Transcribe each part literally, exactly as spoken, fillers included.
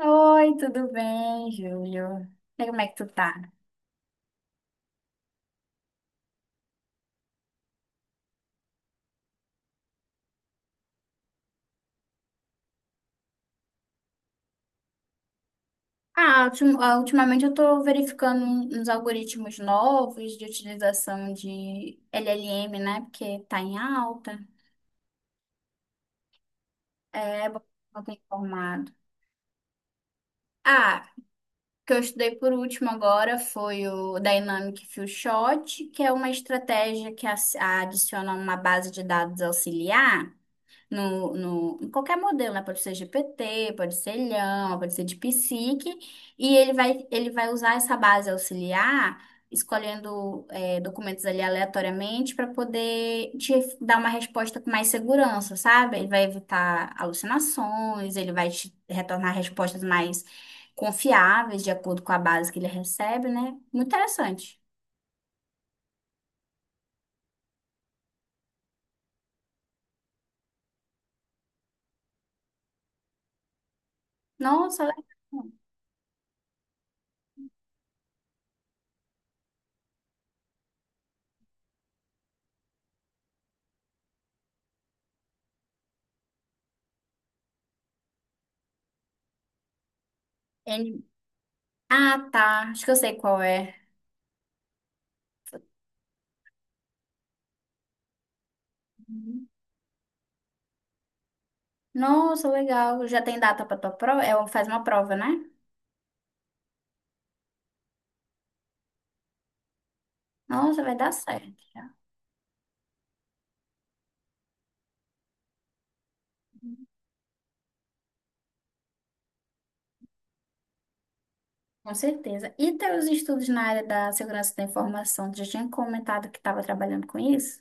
Oi, tudo bem, Júlio? E como é que tu tá? Ah, ultim- ah, ultimamente eu tô verificando um, uns algoritmos novos de utilização de L L M, né? Porque tá em alta. É, bom, eu tô informado. Ah, o que eu estudei por último agora foi o Dynamic Fill Shot, que é uma estratégia que as- adiciona uma base de dados auxiliar no, no, em qualquer modelo, né? Pode ser G P T, pode ser Llama, pode ser de psique, e ele vai, ele vai usar essa base auxiliar, escolhendo, é, documentos ali aleatoriamente para poder te dar uma resposta com mais segurança, sabe? Ele vai evitar alucinações, ele vai te retornar respostas mais confiáveis, de acordo com a base que ele recebe, né? Muito interessante. Nossa, legal. Ele... Ah, tá. Acho que eu sei qual é. Nossa, legal. Já tem data para tua prova? É, faz uma prova, né? Nossa, vai dar certo, já. Com certeza. E teus estudos na área da segurança da informação? Tu já tinha comentado que estava trabalhando com isso?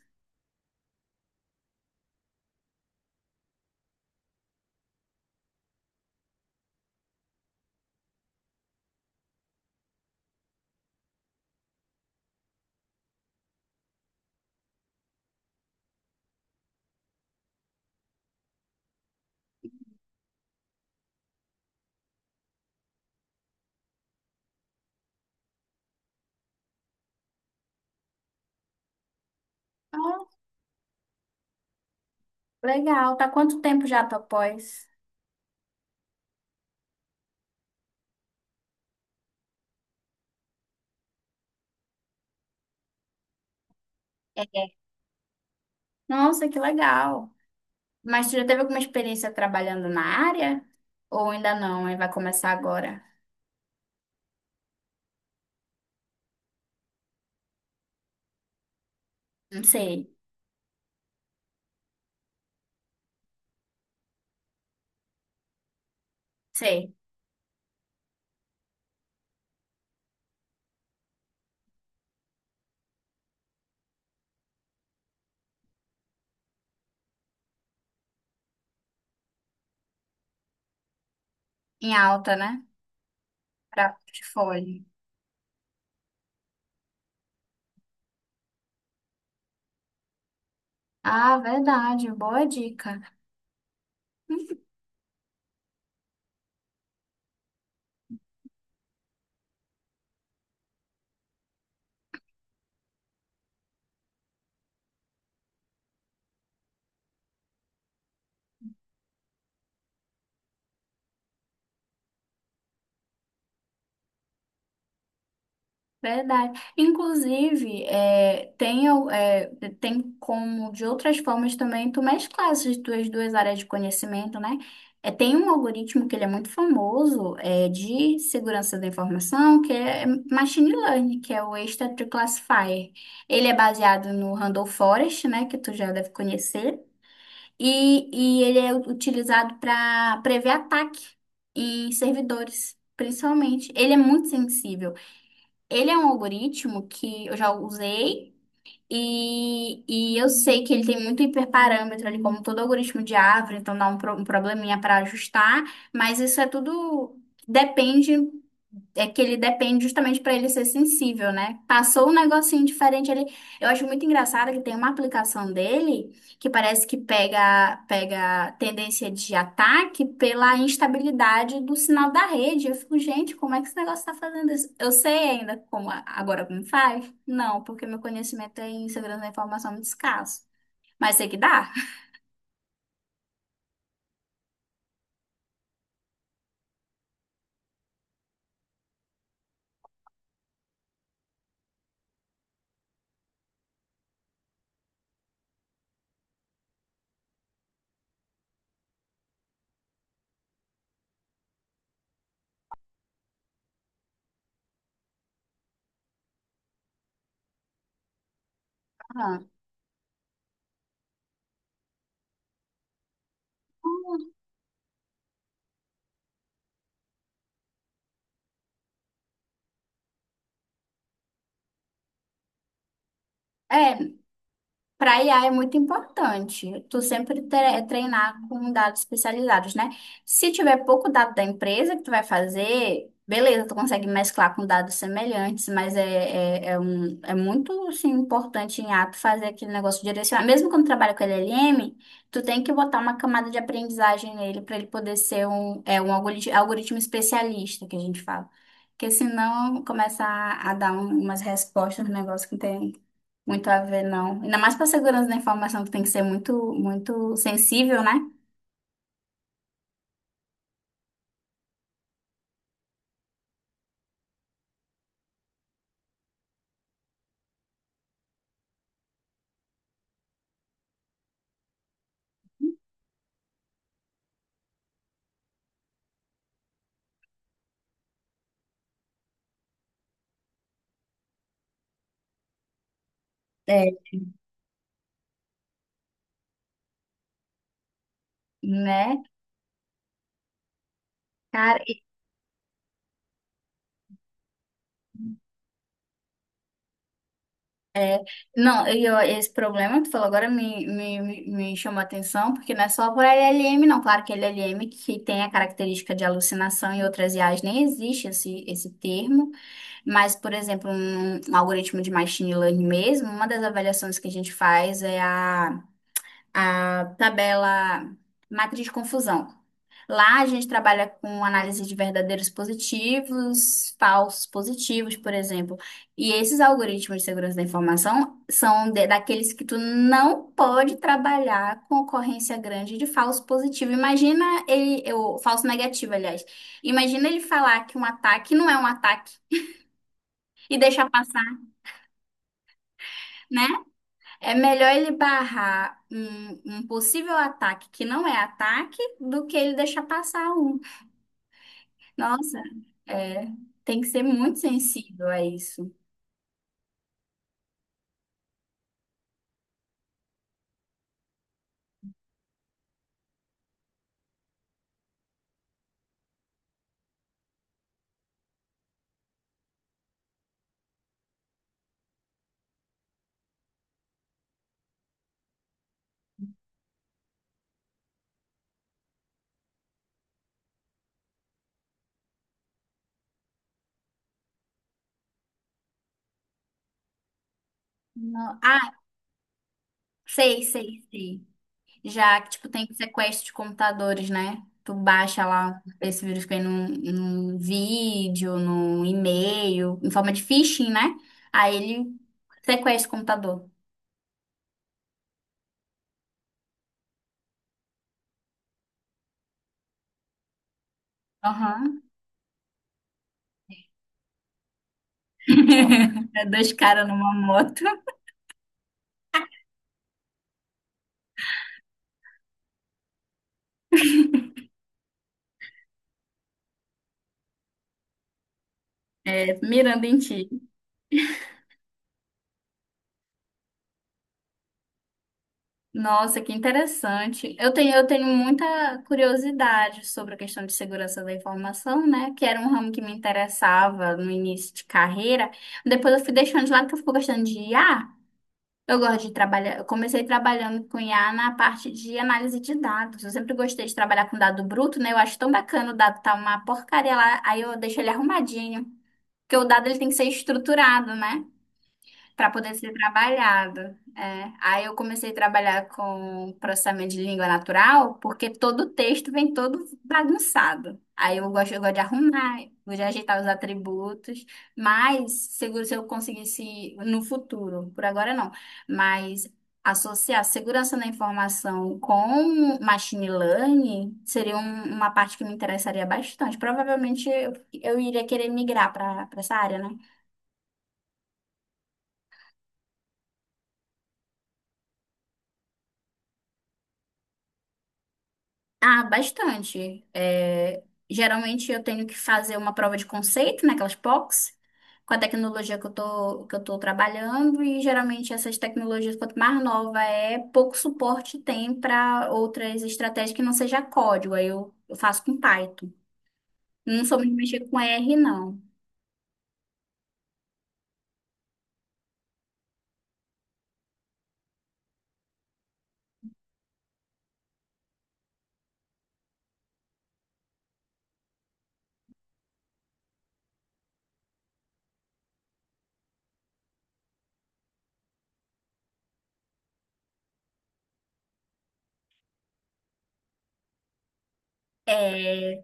Nossa, legal. Tá quanto tempo já tua pós? É. Nossa, que legal. Mas tu já teve alguma experiência trabalhando na área? Ou ainda não? Aí vai começar agora? Não sei. Sei. Em alta, né? Para portfólio. Ah, verdade. Boa dica. Verdade. Inclusive, é, tem, al- é, tem como de outras formas também tu mesclar essas tuas duas áreas de conhecimento, né? É, tem um algoritmo que ele é muito famoso, é, de segurança da informação, que é Machine Learning, que é o Extra-Tree Classifier. Ele é baseado no Randall Forest, né, que tu já deve conhecer, e, e ele é utilizado para prever ataque em servidores, principalmente. Ele é muito sensível. Ele é um algoritmo que eu já usei e, e eu sei que ele tem muito hiperparâmetro ali, como todo algoritmo de árvore, então dá um, pro- um probleminha para ajustar, mas isso é tudo depende. É que ele depende justamente para ele ser sensível, né? Passou um negocinho diferente ali. Eu acho muito engraçado que tem uma aplicação dele que parece que pega pega tendência de ataque pela instabilidade do sinal da rede. Eu fico, gente, como é que esse negócio tá fazendo isso? Eu sei ainda como agora como faz? Não, porque meu conhecimento é em segurança da informação é muito escasso. Mas sei que dá. Aham. É, para I A é muito importante tu sempre tre- treinar com dados especializados, né? Se tiver pouco dado da empresa que tu vai fazer, beleza, tu consegue mesclar com dados semelhantes, mas é, é, é, um, é muito assim, importante em ato fazer aquele negócio direcionar. Mesmo quando trabalha com L L M, tu tem que botar uma camada de aprendizagem nele para ele poder ser um, é, um algorit- algoritmo especialista, que a gente fala. Porque senão começa a, a dar um- umas respostas no negócio que não tem muito a ver, não. Ainda mais para segurança da informação, que tem que ser muito, muito sensível, né? É. Né? Cara, e- é. Não, e eu- esse problema que tu falou agora me, me, me me chamou a atenção, porque não é só por L L M, não. Claro que L L M que tem a característica de alucinação e outras I As nem existe esse, esse termo, mas, por exemplo, um, um algoritmo de machine learning mesmo, uma das avaliações que a gente faz é a a tabela matriz de confusão. Lá a gente trabalha com análise de verdadeiros positivos, falsos positivos, por exemplo. E esses algoritmos de segurança da informação são de- daqueles que tu não pode trabalhar com ocorrência grande de falso positivo. Imagina ele, eu, falso negativo, aliás. Imagina ele falar que um ataque não é um ataque e deixar passar, né? É melhor ele barrar um, um possível ataque que não é ataque do que ele deixar passar um. Nossa, é, tem que ser muito sensível a isso. No- ah, sei, sei, sei. Já que, tipo, tem sequestro de computadores, né? Tu baixa lá esse vírus que vem num, num vídeo, num e-mail, em forma de phishing, né? Aí ele sequestra o computador. Aham. É dois caras numa moto, mirando em ti. Nossa, que interessante. Eu tenho, eu tenho muita curiosidade sobre a questão de segurança da informação, né? Que era um ramo que me interessava no início de carreira. Depois eu fui deixando de lado porque eu fico gostando de I A. Eu gosto de trabalhar. Eu comecei trabalhando com I A na parte de análise de dados. Eu sempre gostei de trabalhar com dado bruto, né? Eu acho tão bacana o dado tá uma porcaria lá, aí eu deixo ele arrumadinho. Porque o dado ele tem que ser estruturado, né, para poder ser trabalhado. É. Aí eu comecei a trabalhar com processamento de língua natural, porque todo o texto vem todo bagunçado. Aí eu gosto, eu gosto de arrumar, gosto de ajeitar os atributos, mas seguro se eu conseguisse no futuro, por agora não, mas associar segurança da informação com machine learning seria um- uma parte que me interessaria bastante. Provavelmente eu, eu iria querer migrar para essa área, né? Ah, bastante. É, geralmente eu tenho que fazer uma prova de conceito, né, aquelas P O Cs, com a tecnologia que eu tô, que eu tô trabalhando, e geralmente essas tecnologias, quanto mais nova é, pouco suporte tem para outras estratégias que não seja código. Aí eu, eu faço com Python. Não sou muito mexer com R, não. É,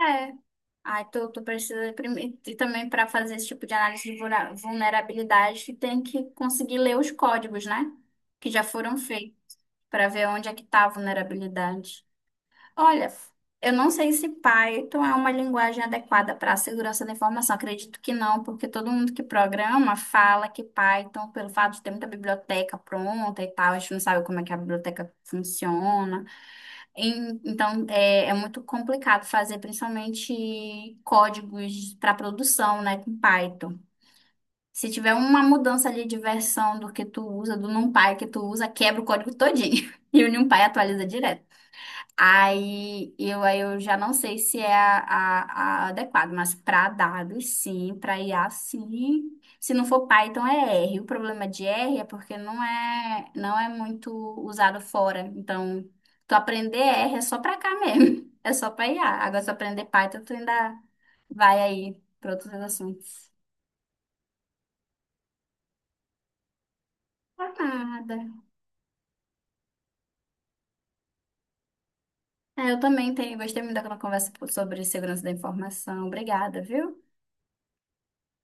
é. Aí tu, tu precisa primeiro, e também para fazer esse tipo de análise de vulna- vulnerabilidade, tu tem que conseguir ler os códigos, né? Que já foram feitos, para ver onde é que está a vulnerabilidade. Olha, eu não sei se Python é uma linguagem adequada para a segurança da informação. Acredito que não, porque todo mundo que programa fala que Python, pelo fato de ter muita biblioteca pronta e tal, a gente não sabe como é que a biblioteca funciona. Em- Então, é, é muito complicado fazer, principalmente códigos para produção, né, com Python. Se tiver uma mudança ali de versão do que tu usa, do NumPy que tu usa, quebra o código todinho. E o NumPy atualiza direto. Aí eu, aí eu já não sei se é a, a, a adequado, mas para dados sim, para I A sim. Se não for Python é R. O problema de R é porque não é não é muito usado fora. Então, tu aprender R é só para cá mesmo, é só para I A. Agora se tu aprender Python, tu ainda vai aí para outros assuntos. Pra nada. É, eu também tenho, gostei muito daquela conversa sobre segurança da informação. Obrigada, viu?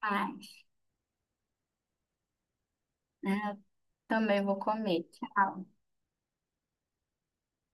Ai, é, eu também vou comer. Tchau.